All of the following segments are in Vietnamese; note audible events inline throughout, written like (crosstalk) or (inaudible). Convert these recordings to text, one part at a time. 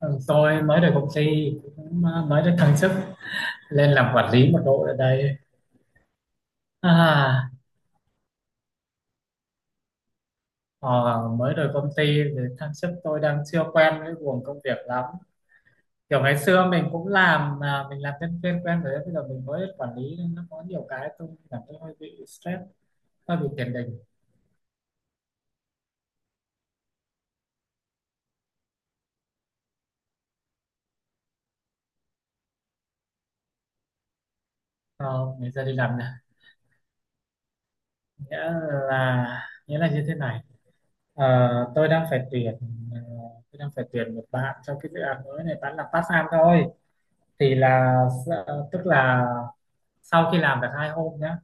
Ừ, tôi mới được công ty, cũng mới được thăng chức lên làm quản lý một đội ở đây. À ờ, mới được công ty thì thăng chức, tôi đang chưa quen với guồng công việc lắm. Kiểu ngày xưa mình cũng làm, mà mình làm nhân viên quen rồi đấy, bây giờ mình mới quản lý nên nó có nhiều cái tôi cảm thấy hơi bị stress, hơi bị tiền đình. Ờ, mình giờ đi làm này, nghĩa là nghĩa là như thế này. Ờ, tôi đang phải tuyển ờ, tôi đang phải tuyển một bạn cho cái dự án mới này, bạn làm part time thôi. Thì là tức là sau khi làm được 2 hôm nhá,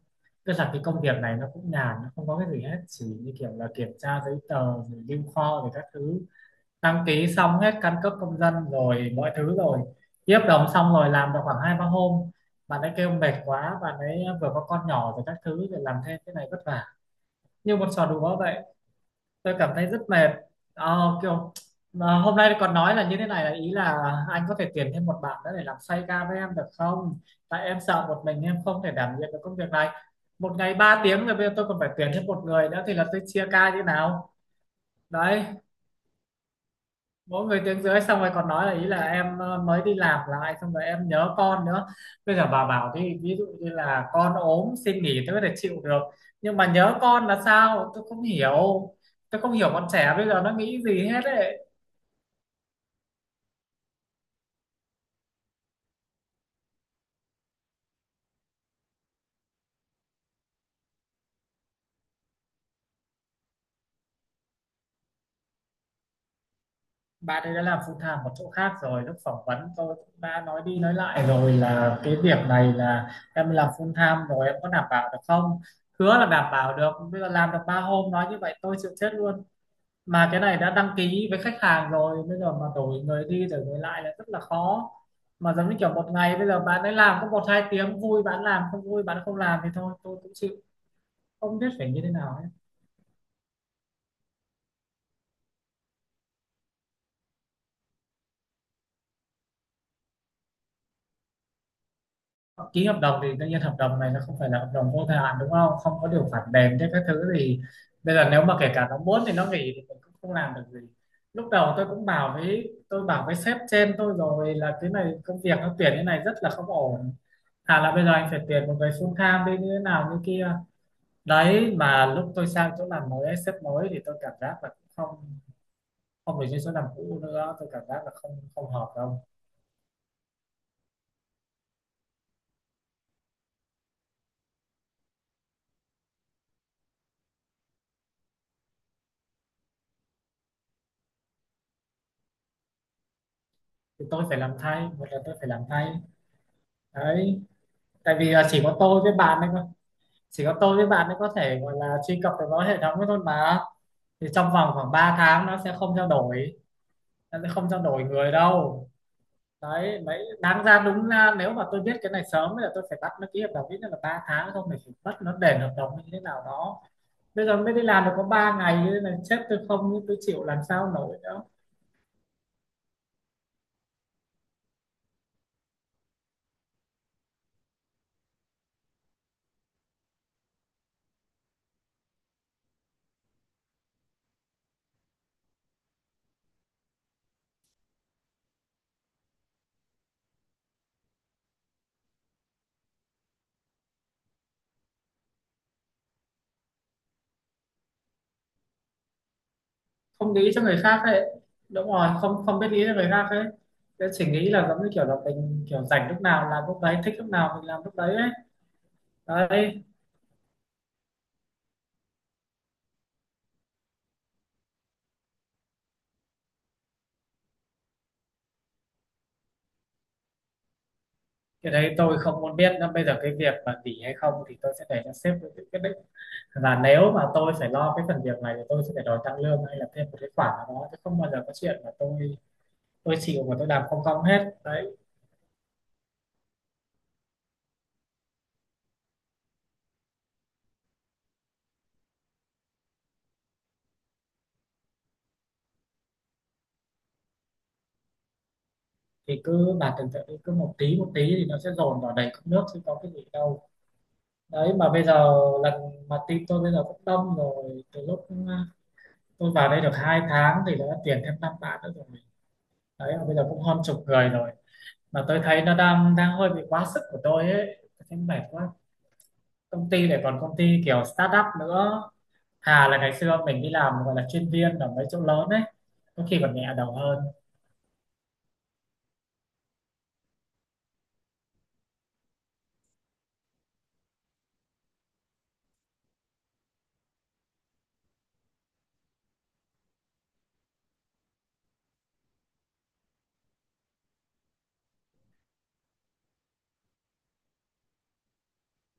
tức là cái công việc này nó cũng nhàn, nó không có cái gì hết, chỉ như kiểu là kiểm tra giấy tờ rồi lưu kho rồi các thứ. Đăng ký xong hết căn cước công dân rồi mọi thứ rồi, ký hợp đồng xong rồi làm được khoảng 2 3 hôm. Bạn ấy kêu mệt quá, bạn ấy vừa có con nhỏ rồi các thứ, rồi làm thêm cái này vất vả, như một trò đùa vậy. Tôi cảm thấy rất mệt. Kiểu mà hôm nay còn nói là như thế này, là ý là anh có thể tuyển thêm một bạn nữa để làm xoay ca với em được không, tại em sợ một mình em không thể đảm nhiệm được công việc này. Một ngày 3 tiếng rồi bây giờ tôi còn phải tuyển thêm một người nữa thì là tôi chia ca như nào? Đấy, mỗi người tiếng rưỡi xong rồi còn nói là ý là em mới đi làm lại xong rồi em nhớ con nữa. Bây giờ bà bảo đi, ví dụ như là con ốm xin nghỉ tôi có thể chịu được, nhưng mà nhớ con là sao tôi không hiểu. Tôi không hiểu bọn trẻ bây giờ nó nghĩ gì hết ấy. Bạn ấy đã làm full time một chỗ khác rồi, lúc phỏng vấn tôi cũng đã nói đi nói lại rồi là cái việc này là em làm full time rồi em có đảm bảo được không. Hứa là đảm bảo được, bây giờ làm được 3 hôm nói như vậy tôi chịu chết luôn. Mà cái này đã đăng ký với khách hàng rồi, bây giờ mà đổi người đi đổi người lại là rất là khó. Mà giống như kiểu một ngày bây giờ bạn ấy làm có một hai tiếng, vui bạn làm, không vui bạn không làm thì thôi, tôi cũng chịu, không biết phải như thế nào hết. Ký hợp đồng thì tự nhiên hợp đồng này nó không phải là hợp đồng vô thời hạn đúng không, không có điều khoản đền thế các thứ, thì bây giờ nếu mà kể cả nó muốn thì nó nghỉ thì mình cũng không làm được gì. Lúc đầu tôi bảo với sếp trên tôi rồi là cái này công việc nó tuyển như này rất là không ổn. Thà là bây giờ anh phải tuyển một người full time đi như thế nào như kia. Đấy mà lúc tôi sang chỗ làm mới ấy, sếp mới thì tôi cảm giác là cũng không không được như chỗ làm cũ nữa, tôi cảm giác là không không hợp đâu. Thì tôi phải làm thay, một là tôi phải làm thay đấy, tại vì là chỉ có tôi với bạn ấy thôi, chỉ có tôi với bạn ấy có thể gọi là truy cập được vào hệ thống ấy thôi mà. Thì trong vòng khoảng 3 tháng nó sẽ không trao đổi nó sẽ không trao đổi người đâu. Đấy, mấy đáng ra đúng ra nếu mà tôi biết cái này sớm thì là tôi phải bắt nó ký hợp đồng ít nhất là 3 tháng, không thì phải bắt nó đền hợp đồng như thế nào đó. Bây giờ mới đi làm được có 3 ngày như thế này, sếp tôi, không, tôi chịu làm sao nổi nữa. Không nghĩ cho người khác đấy. Đúng rồi, không không biết nghĩ cho người khác ấy. Thế chỉ nghĩ là giống như kiểu là mình kiểu rảnh lúc nào làm lúc đấy, thích lúc nào mình làm lúc đấy ấy. Đấy, cái đấy tôi không muốn biết, nên bây giờ cái việc mà nghỉ hay không thì tôi sẽ để cho sếp tự quyết định. Và nếu mà tôi phải lo cái phần việc này thì tôi sẽ phải đòi tăng lương hay là thêm một cái khoản nào đó, chứ không bao giờ có chuyện mà tôi chịu và tôi làm không công hết đấy. Thì cứ bà tưởng tượng đi, cứ một tí thì nó sẽ dồn vào đầy cốc nước chứ có cái gì đâu. Đấy mà bây giờ lần mà team tôi bây giờ cũng đông rồi, từ lúc tôi vào đây được 2 tháng thì nó đã tuyển thêm 5 bạn nữa rồi. Đấy mà bây giờ cũng hơn chục người rồi, mà tôi thấy nó đang đang hơi bị quá sức của tôi ấy, tôi thấy mệt quá. Công ty này còn công ty kiểu startup nữa. Thà là ngày xưa mình đi làm gọi là chuyên viên ở mấy chỗ lớn ấy, có khi còn nhẹ đầu hơn.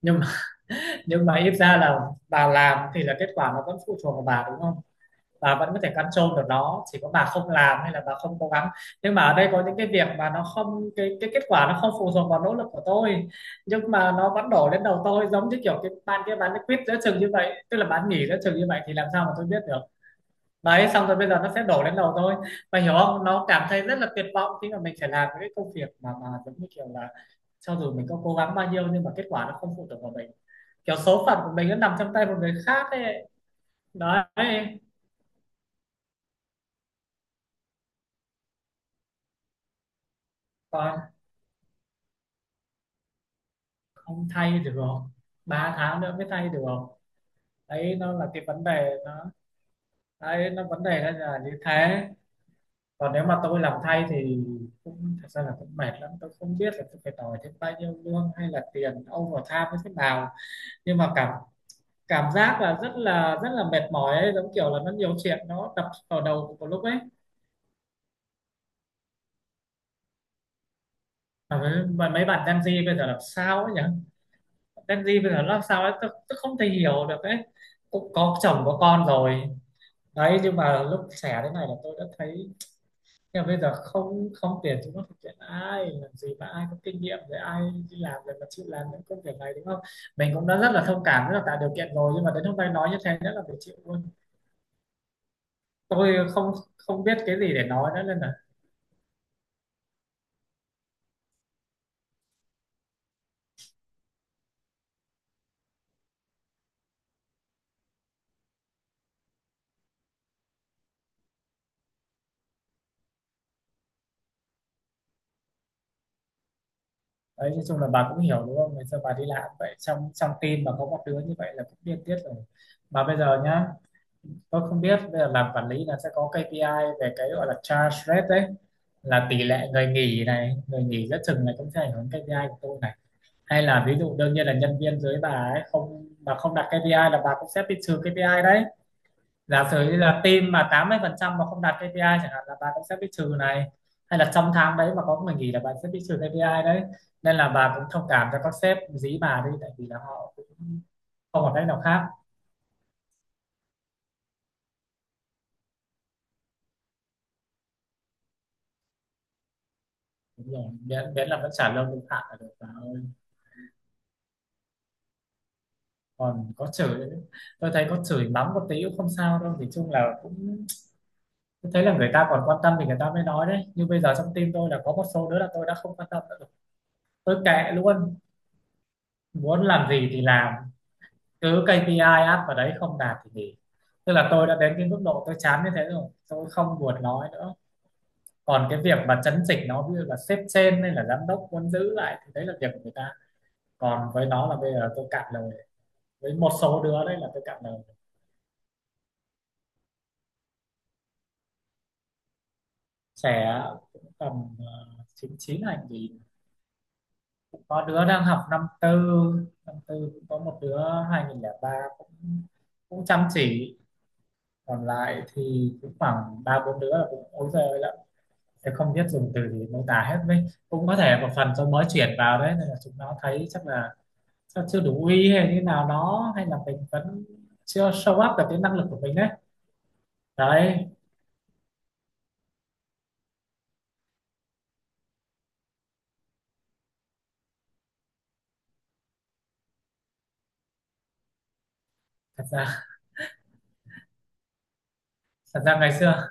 Nhưng mà (laughs) nhưng mà ít ra là bà làm thì là kết quả nó vẫn phụ thuộc vào bà đúng không, bà vẫn có thể control được nó, chỉ có bà không làm hay là bà không cố gắng. Nhưng mà ở đây có những cái việc mà nó không, cái kết quả nó không phụ thuộc vào nỗ lực của tôi. Nhưng mà nó vẫn đổ lên đầu tôi, giống như kiểu cái bạn kia bán quýt giữa chừng như vậy, tức là bán nghỉ giữa chừng như vậy thì làm sao mà tôi biết được. Đấy xong rồi bây giờ nó sẽ đổ lên đầu tôi, mà hiểu không, nó cảm thấy rất là tuyệt vọng khi mà mình phải làm những cái công việc mà giống như kiểu là cho dù mình có cố gắng bao nhiêu nhưng mà kết quả nó không phụ thuộc vào mình, kiểu số phận của mình nó nằm trong tay một người khác ấy. Đấy. Còn không thay được, không 3 tháng nữa mới thay được, không đấy nó là cái vấn đề nó, đấy nó vấn đề nó là như thế. Còn nếu mà tôi làm thay thì cũng thật ra là cũng mệt lắm, tôi không biết là tôi phải đòi thêm bao nhiêu lương hay là tiền overtime như thế nào. Nhưng mà cảm cảm giác là rất là rất là mệt mỏi ấy, giống kiểu là nó nhiều chuyện nó đập vào đầu một lúc ấy. Mà mấy bạn Gen Z bây giờ làm sao ấy nhỉ, Gen Z bây giờ nó làm sao ấy, tôi không thể hiểu được ấy. Cũng có chồng có con rồi đấy, nhưng mà lúc trẻ thế này là tôi đã thấy, nhưng mà bây giờ không không tiền chúng nó thực hiện ai làm gì mà ai có kinh nghiệm rồi, ai đi làm rồi mà chịu làm những công việc này đúng không. Mình cũng đã rất là thông cảm, rất là tạo điều kiện rồi, nhưng mà đến hôm nay nói như thế rất là phải chịu luôn. Tôi không không biết cái gì để nói nữa nên là đấy, nói chung là bà cũng hiểu đúng không, ngày xưa bà đi làm vậy, trong trong team mà có một đứa như vậy là cũng điên tiết rồi. Mà bây giờ nhá, tôi không biết bây giờ làm quản lý là sẽ có KPI về cái gọi là charge rate đấy, là tỷ lệ người nghỉ này, người nghỉ giữa chừng này cũng sẽ ảnh hưởng KPI của tôi này. Hay là ví dụ đương nhiên là nhân viên dưới bà ấy không, mà không đạt KPI là bà cũng sẽ bị trừ KPI đấy. Giả sử như là team mà 80% mà không đạt KPI chẳng hạn là bà cũng sẽ bị trừ này, hay là trong tháng đấy mà có người nghỉ là bà sẽ bị trừ KPI đấy. Nên là bà cũng thông cảm cho các sếp dí bà đi, tại vì là họ cũng không còn cách nào khác. Đúng rồi. Miễn là vẫn trả lương đúng hạn là được bà ơi. Còn có chửi nữa. Tôi thấy có chửi mắng một tí cũng không sao đâu, thì chung là cũng, tôi thấy là người ta còn quan tâm thì người ta mới nói đấy. Nhưng bây giờ trong tim tôi là có một số đứa là tôi đã không quan tâm nữa rồi. Tôi kệ luôn, muốn làm gì thì làm, cứ KPI áp vào đấy, không đạt thì nghỉ. Tức là tôi đã đến cái mức độ tôi chán như thế rồi, tôi không buồn nói nữa. Còn cái việc mà chấn chỉnh nó, ví dụ là sếp trên hay là giám đốc muốn giữ lại, thì đấy là việc của người ta. Còn với nó là bây giờ tôi cạn lời với một số đứa đây, là tôi cảm thấy trẻ, cũng tầm ờ, 99 hành gì. Có đứa đang học năm tư, năm tư cũng có một đứa, 2003, cũng cũng chăm chỉ. Còn lại thì cũng khoảng ba bốn đứa là cũng ối giời ơi lắm, tôi không biết dùng từ gì mô tả hết. Với cũng có thể một phần do mới chuyển vào đấy nên là chúng nó thấy chắc là chắc chưa đủ uy hay như nào đó, hay là mình vẫn chưa show up được cái năng lực của mình đấy. Đấy. Thật ra thật ra ngày xưa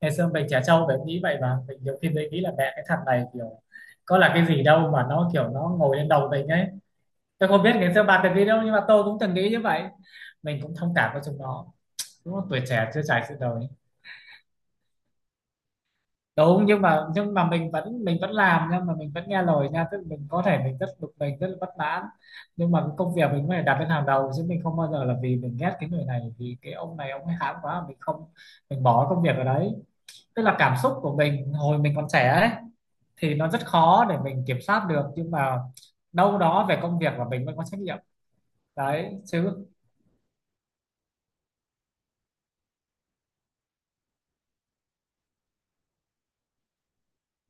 ngày xưa mình trẻ trâu mình nghĩ vậy mà, mình nhiều khi mình nghĩ là mẹ cái thằng này kiểu có là cái gì đâu mà nó kiểu nó ngồi lên đầu mình ấy. Tôi không biết ngày xưa bà từng nghĩ đâu, nhưng mà tôi cũng từng nghĩ như vậy. Mình cũng thông cảm với chúng nó, đúng không? Tuổi trẻ chưa trải sự đời. Đúng, nhưng mà mình vẫn làm, nhưng mà mình vẫn nghe lời nha. Tức là mình có thể mình rất bực, mình rất là bất mãn, nhưng mà cái công việc mình phải đặt lên hàng đầu chứ. Mình không bao giờ là vì mình ghét cái người này, vì cái ông này ông ấy hãm quá, mình không, mình bỏ công việc ở đấy. Tức là cảm xúc của mình hồi mình còn trẻ ấy thì nó rất khó để mình kiểm soát được, nhưng mà đâu đó về công việc của mình vẫn có trách nhiệm đấy chứ.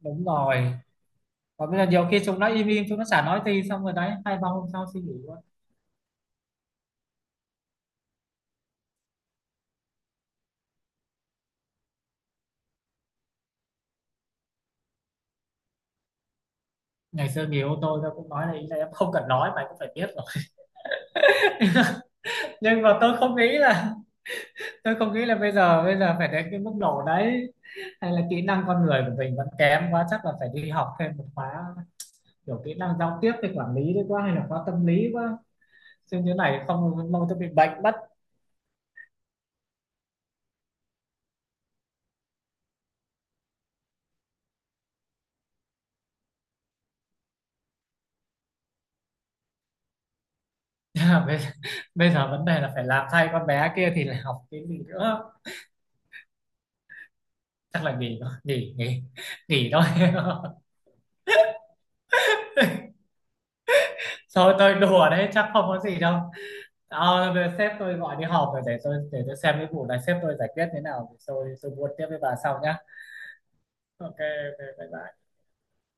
Đúng rồi. Còn bây giờ nhiều khi chúng nó im im, chúng nó chả nói gì, xong rồi đấy hai ba hôm sau suy nghĩ quá. Ngày xưa người yêu tôi cũng nói là ý là em không cần nói mà cũng phải biết rồi. (laughs) Nhưng mà tôi không nghĩ là bây giờ phải đến cái mức độ đấy, hay là kỹ năng con người của mình vẫn kém quá, chắc là phải đi học thêm một khóa, kiểu kỹ năng giao tiếp với quản lý đấy quá, hay là khóa tâm lý quá. Chứ như này không lâu tôi bị bệnh. (laughs) bây, bây giờ vấn đề là phải làm thay con bé kia thì lại học cái gì nữa. Chắc là nghỉ thôi, nghỉ, nghỉ, nghỉ thôi. (laughs) Thôi tôi đùa đấy, chắc không có gì đâu. Ờ, bây giờ sếp tôi gọi đi họp rồi, để tôi xem cái vụ này sếp tôi giải quyết thế nào, rồi tôi buôn tiếp với bà sau nhá. Ok, ok, bye bye.